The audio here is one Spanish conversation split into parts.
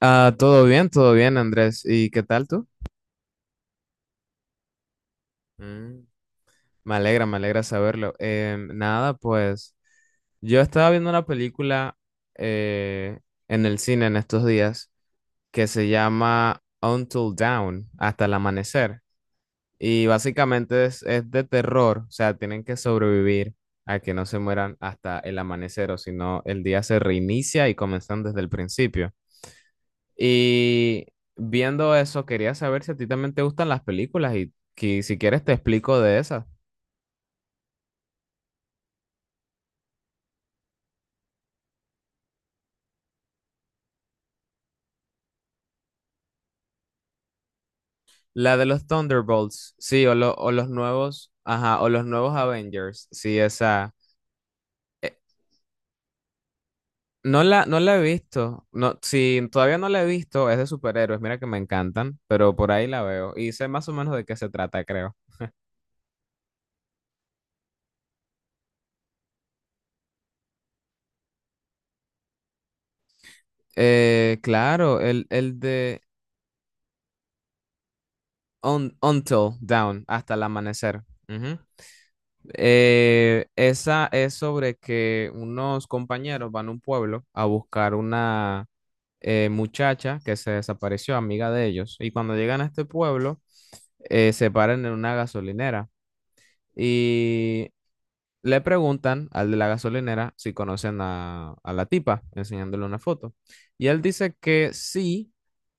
Ah, todo bien, Andrés. ¿Y qué tal tú? Mm. Me alegra saberlo. Nada, pues yo estaba viendo una película eh, en el cine en estos días que se llama Until Dawn, hasta el amanecer. Y básicamente es de terror, o sea, tienen que sobrevivir a que no se mueran hasta el amanecer, o si no, el día se reinicia y comienzan desde el principio. Y viendo eso, quería saber si a ti también te gustan las películas y que si quieres te explico de esas. La de los Thunderbolts, sí, o, o los nuevos, ajá, o los nuevos Avengers, sí, esa. eh, no la, no la he visto, no, sí, todavía no la he visto, es de superhéroes, mira que me encantan, pero por ahí la veo y sé más o menos de qué se trata, creo. Claro, el de un, Until Down, hasta el amanecer. Ujú. Esa es sobre que unos compañeros van a un pueblo a buscar una muchacha que se desapareció, amiga de ellos. Y cuando llegan a este pueblo, se paran en una gasolinera y le preguntan al de la gasolinera si conocen a la tipa, enseñándole una foto. Y él dice que sí,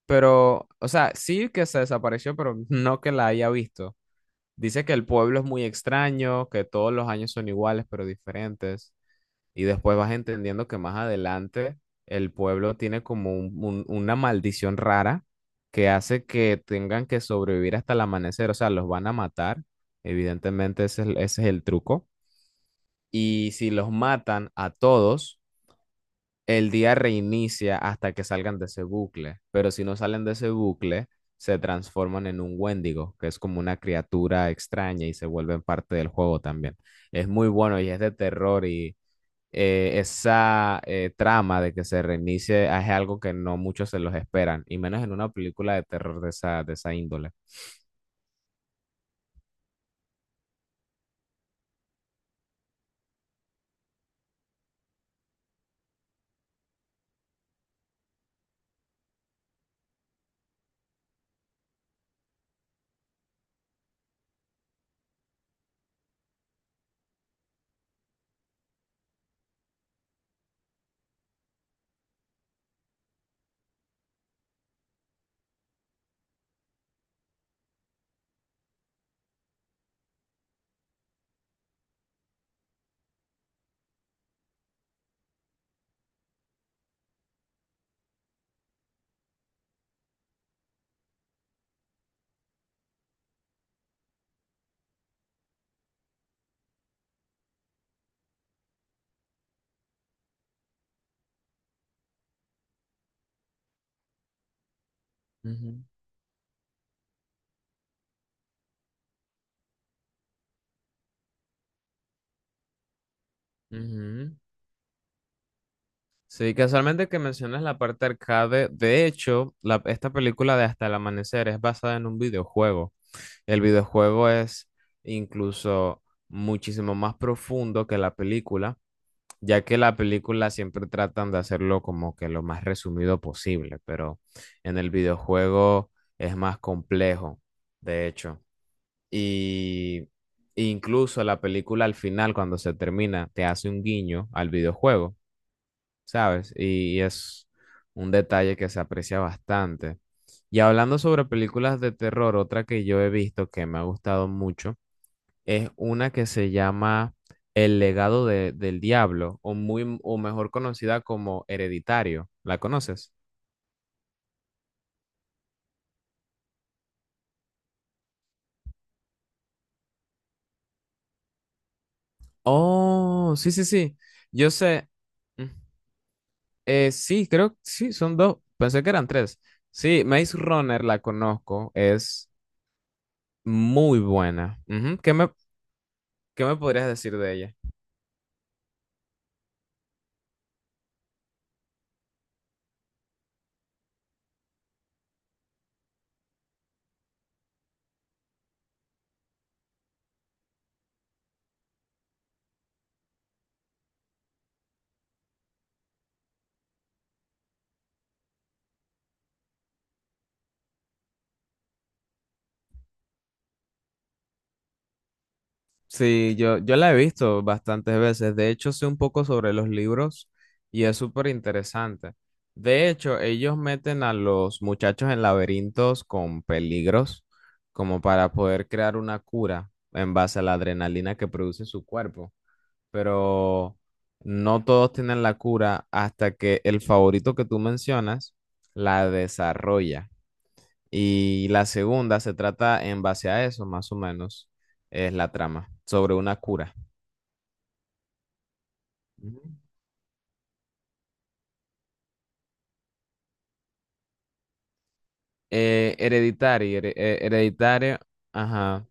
pero, o sea, sí que se desapareció, pero no que la haya visto. Dice que el pueblo es muy extraño, que todos los años son iguales pero diferentes. Y después vas entendiendo que más adelante el pueblo tiene como una maldición rara que hace que tengan que sobrevivir hasta el amanecer. O sea, los van a matar. Evidentemente ese es el truco. Y si los matan a todos el día reinicia hasta que salgan de ese bucle, pero si no salen de ese bucle, se transforman en un Wendigo, que es como una criatura extraña y se vuelven parte del juego también. Es muy bueno y es de terror y esa trama de que se reinicie es algo que no muchos se los esperan, y menos en una película de terror de esa índole. Ujú, ujú. Sí, casualmente que mencionas la parte arcade, de hecho, esta película de Hasta el Amanecer es basada en un videojuego. El videojuego es incluso muchísimo más profundo que la película, ya que la película siempre tratan de hacerlo como que lo más resumido posible, pero en el videojuego es más complejo, de hecho. Y incluso la película al final, cuando se termina, te hace un guiño al videojuego, ¿sabes? Y es un detalle que se aprecia bastante. Y hablando sobre películas de terror, otra que yo he visto que me ha gustado mucho es una que se llama El legado del diablo, o muy, o mejor conocida como Hereditario. ¿La conoces? Oh, sí, sí, sí. Yo sé. Mm, sí, creo que sí, son dos. Pensé que eran tres. Sí, Maze Runner la conozco. Es muy buena. Ujú. ¿Qué me podrías decir de ella? Sí, yo la he visto bastantes veces. De hecho, sé un poco sobre los libros y es súper interesante. De hecho, ellos meten a los muchachos en laberintos con peligros como para poder crear una cura en base a la adrenalina que produce su cuerpo. Pero no todos tienen la cura hasta que el favorito que tú mencionas la desarrolla. Y la segunda se trata en base a eso, más o menos, es la trama, sobre una cura. Ujú. Hereditary, hereditario, ajá.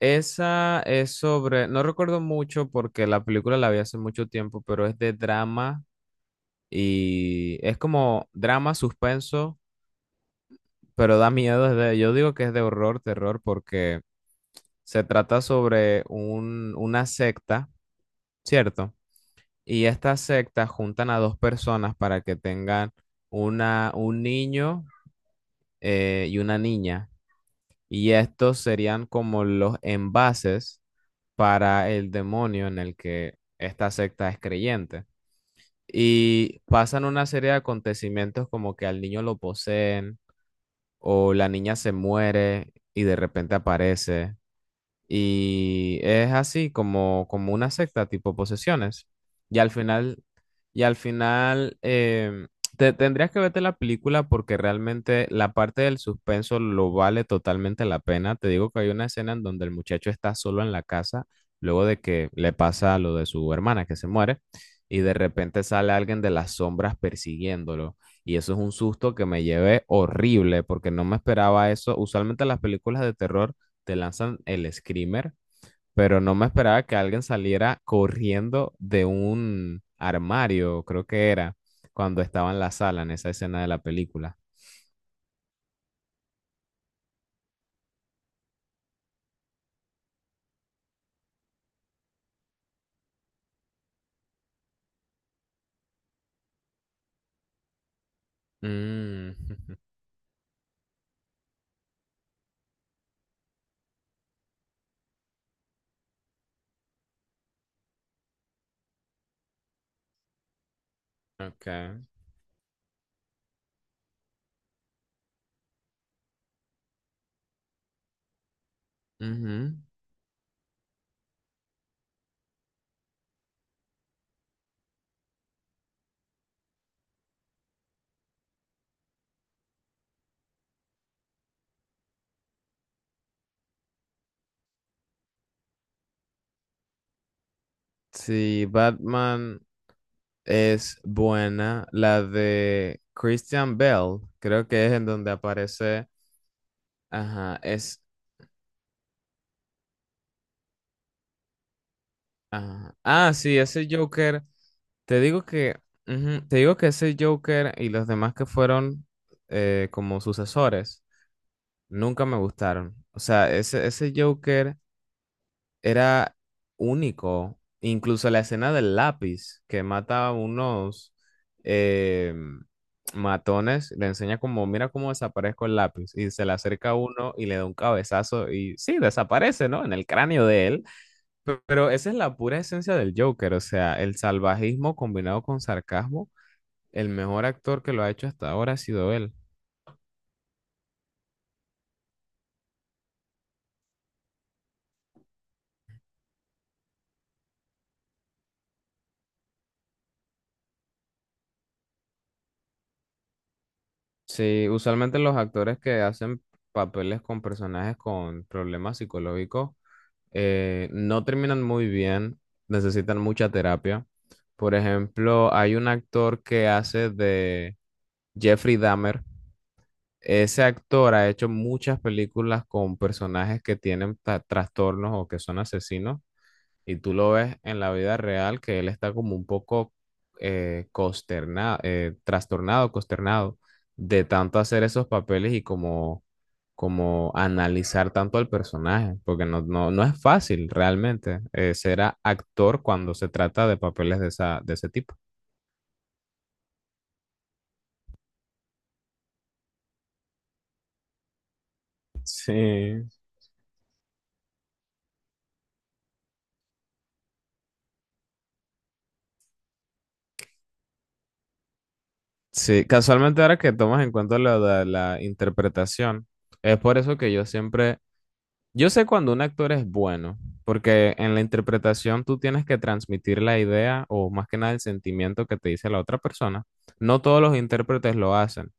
Esa es sobre, no recuerdo mucho porque la película la vi hace mucho tiempo, pero es de drama y es como drama, suspenso, pero da miedo. Yo digo que es de horror, terror, porque se trata sobre un, una secta, ¿cierto? Y estas sectas juntan a dos personas para que tengan una, un niño y una niña. Y estos serían como los envases para el demonio en el que esta secta es creyente. Y pasan una serie de acontecimientos como que al niño lo poseen o la niña se muere y de repente aparece. Y es así como, como una secta, tipo posesiones. Y al final, y al final em, te, tendrías que verte la película porque realmente la parte del suspenso lo vale totalmente la pena. Te digo que hay una escena en donde el muchacho está solo en la casa, luego de que le pasa lo de su hermana que se muere, y de repente sale alguien de las sombras persiguiéndolo. Y eso es un susto que me llevé horrible porque no me esperaba eso. Usualmente las películas de terror te lanzan el screamer, pero no me esperaba que alguien saliera corriendo de un armario, creo que era, cuando estaba en la sala, en esa escena de la película. Mm, okay. Ujú. Sí, Batman es buena. La de Christian Bale, creo que es en donde aparece. Ajá, es. Ajá. Ah, sí, ese Joker. Te digo que, ujú, te digo que ese Joker y los demás que fueron como sucesores nunca me gustaron. O sea, ese Joker era único. Incluso la escena del lápiz que mata a unos eh, matones, le enseña como, mira cómo desaparezco el lápiz. Y se le acerca a uno y le da un cabezazo y sí, desaparece, ¿no? En el cráneo de él. Pero esa es la pura esencia del Joker, o sea, el salvajismo combinado con sarcasmo, el mejor actor que lo ha hecho hasta ahora ha sido él. Sí, usualmente los actores que hacen papeles con personajes con problemas psicológicos no terminan muy bien, necesitan mucha terapia. Por ejemplo, hay un actor que hace de Jeffrey Dahmer. Ese actor ha hecho muchas películas con personajes que tienen trastornos o que son asesinos. Y tú lo ves en la vida real que él está como un poco consternado, trastornado, consternado de tanto hacer esos papeles y como, como analizar tanto al personaje, porque no, no, no es fácil realmente ser actor cuando se trata de papeles de esa, de ese tipo. Sí. Sí, casualmente ahora que tomas en cuenta lo de la interpretación, es por eso que yo siempre. Yo sé cuando un actor es bueno, porque en la interpretación tú tienes que transmitir la idea o más que nada el sentimiento que te dice la otra persona. No todos los intérpretes lo hacen,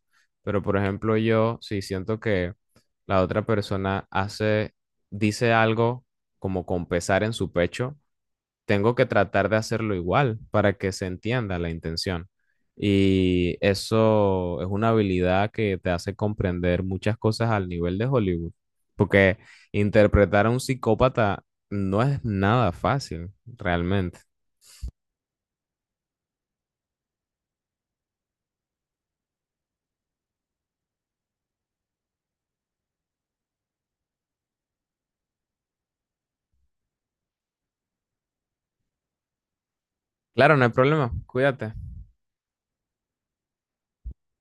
pero por ejemplo yo sí siento que la otra persona hace, dice algo como con pesar en su pecho, tengo que tratar de hacerlo igual para que se entienda la intención. Y eso es una habilidad que te hace comprender muchas cosas al nivel de Hollywood, porque interpretar a un psicópata no es nada fácil, realmente. Claro, no hay problema. Cuídate.